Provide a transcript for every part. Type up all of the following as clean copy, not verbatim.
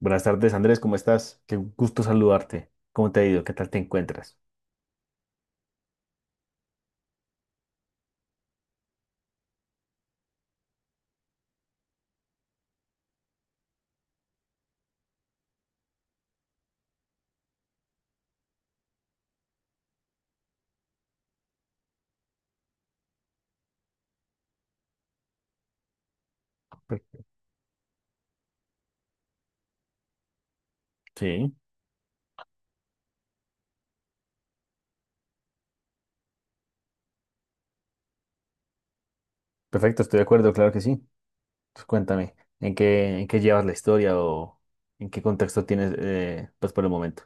Buenas tardes, Andrés, ¿cómo estás? Qué gusto saludarte. ¿Cómo te ha ido? ¿Qué tal te encuentras? Pues, sí, perfecto, estoy de acuerdo, claro que sí. Pues cuéntame, ¿en qué llevas la historia o en qué contexto tienes, pues por el momento?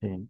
Sí,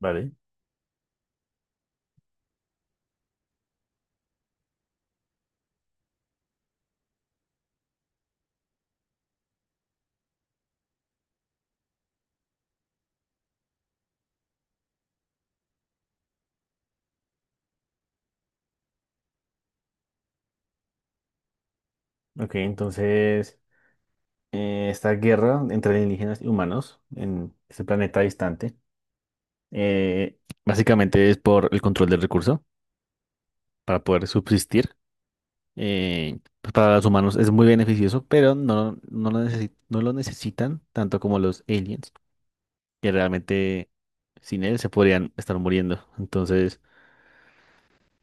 vale. Ok, entonces, esta guerra entre indígenas y humanos en este planeta distante, eh, básicamente es por el control del recurso para poder subsistir. Pues para los humanos es muy beneficioso, pero no, no lo necesi- no lo necesitan tanto como los aliens, que realmente sin él se podrían estar muriendo. Entonces,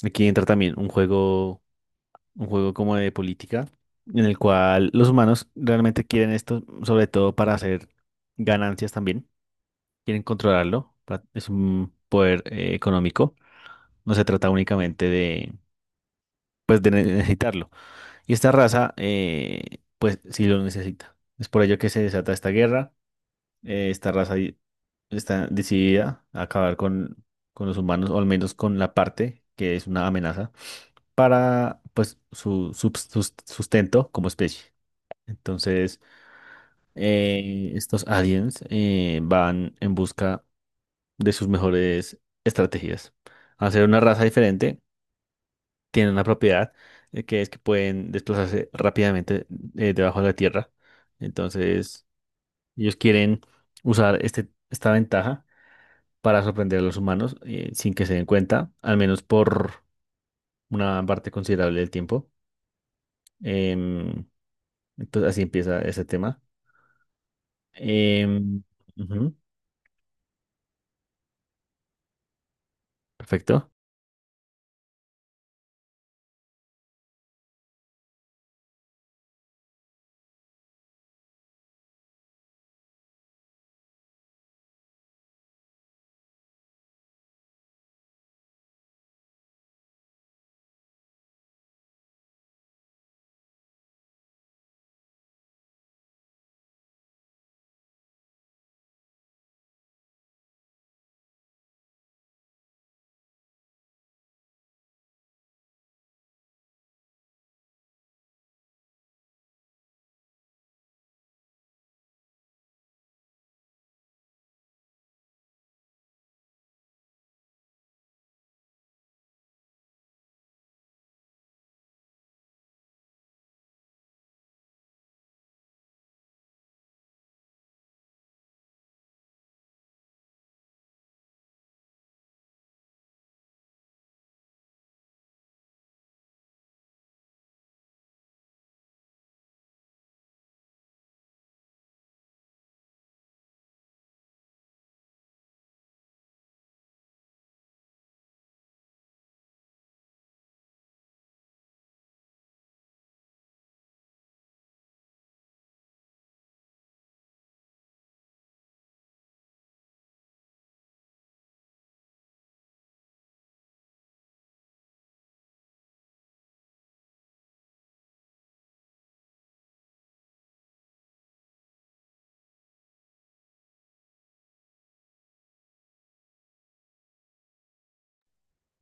aquí entra también un juego como de política, en el cual los humanos realmente quieren esto, sobre todo para hacer ganancias también, quieren controlarlo, es un poder económico, no se trata únicamente de, pues, de necesitarlo. Y esta raza, pues sí lo necesita. Es por ello que se desata esta guerra. Eh, esta raza di- Está decidida a acabar con los humanos, o al menos con la parte que es una amenaza, para pues su sustento como especie. Entonces, estos aliens van en busca de sus mejores estrategias. Hacer una raza diferente, tienen una propiedad que es que pueden desplazarse rápidamente, debajo de la tierra. Entonces, ellos quieren usar esta ventaja para sorprender a los humanos, sin que se den cuenta, al menos por una parte considerable del tiempo. Em, entonces, así empieza ese tema. Em, Ujú, perfecto.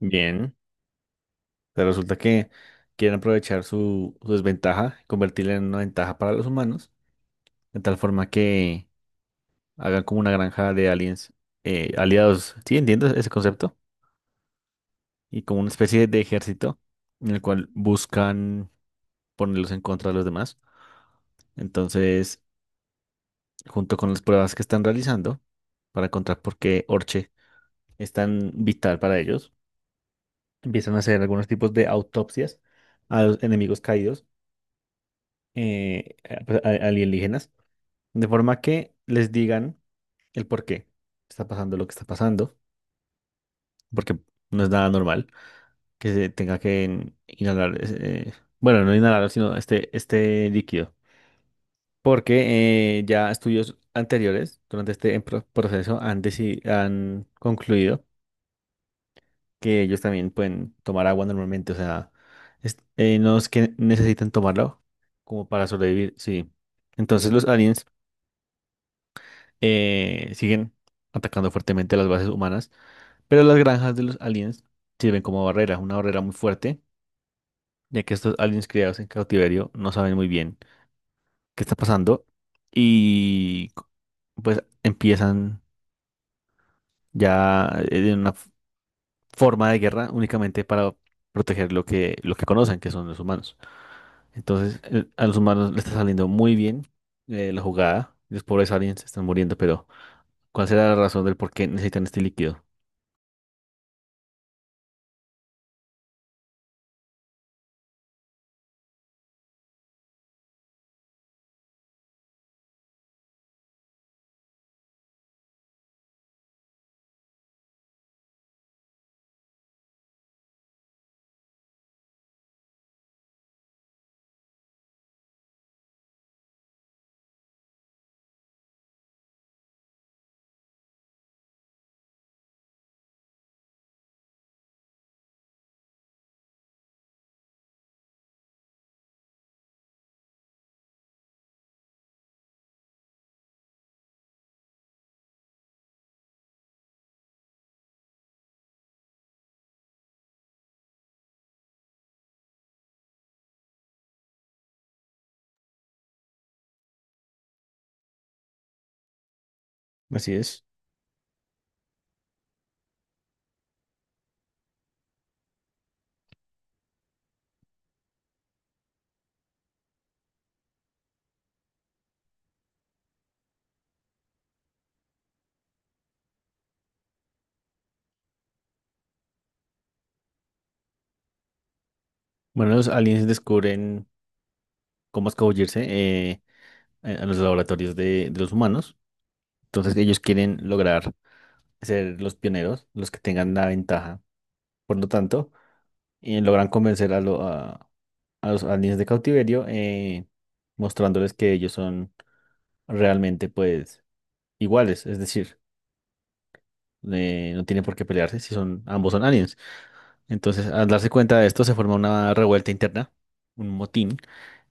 Bien. Pero resulta que quieren aprovechar su desventaja, convertirla en una ventaja para los humanos, de tal forma que hagan como una granja de aliens aliados. Sí, entiendo ese concepto. Y como una especie de ejército en el cual buscan ponerlos en contra de los demás. Entonces, junto con las pruebas que están realizando para encontrar por qué Orche es tan vital para ellos, empiezan a hacer algunos tipos de autopsias a los enemigos caídos, pues, alienígenas, de forma que les digan el por qué está pasando lo que está pasando, porque no es nada normal, que se tenga que bueno, no inhalar, sino este líquido. Porque ya estudios anteriores durante este proceso han concluido que ellos también pueden tomar agua normalmente. O sea, no es que necesiten tomarlo como para sobrevivir, sí. Entonces los aliens siguen atacando fuertemente las bases humanas, pero las granjas de los aliens sirven como barrera, una barrera muy fuerte, ya que estos aliens criados en cautiverio no saben muy bien qué está pasando y co- pues empiezan ya en una forma de guerra únicamente para proteger lo que conocen, que son los humanos. Entonces, a los humanos les está saliendo muy bien la jugada. Los pobres aliens se están muriendo, pero ¿cuál será la razón del por qué necesitan este líquido? Así es. Bueno, los aliens descubren cómo escabullirse, a los laboratorios de los humanos. Entonces, ellos quieren lograr ser los pioneros, los que tengan la ventaja. Por lo tanto, logran convencer a a los aliens de cautiverio, mostrándoles que ellos son realmente pues iguales, es decir, no tienen por qué pelearse si son, ambos son aliens. Entonces, al darse cuenta de esto, se forma una revuelta interna, un motín,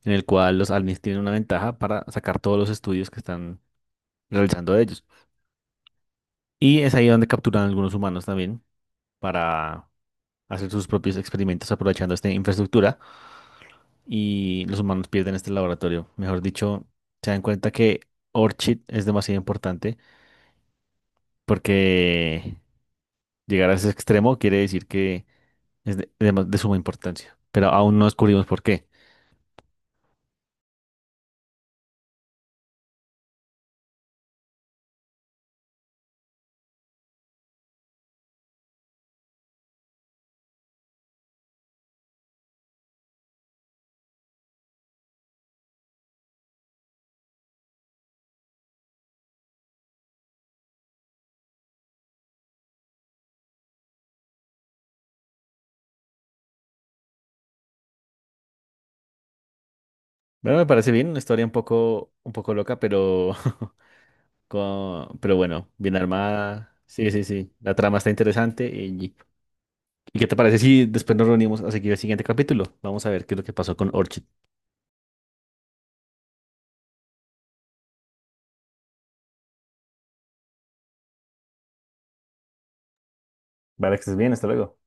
en el cual los aliens tienen una ventaja para sacar todos los estudios que están realizando de ellos. Y es ahí donde capturan a algunos humanos también para hacer sus propios experimentos aprovechando esta infraestructura y los humanos pierden este laboratorio. Mejor dicho, se dan cuenta que Orchid es demasiado importante porque llegar a ese extremo quiere decir que es de suma importancia, pero aún no descubrimos por qué. Bueno, me parece bien, una historia un poco loca, pero pero bueno, bien armada. Sí, sí, sí. La trama está interesante. ¿Y qué te parece si después nos reunimos a seguir el siguiente capítulo? Vamos a ver qué es lo que pasó con Orchid. Vale, que estés bien, hasta luego.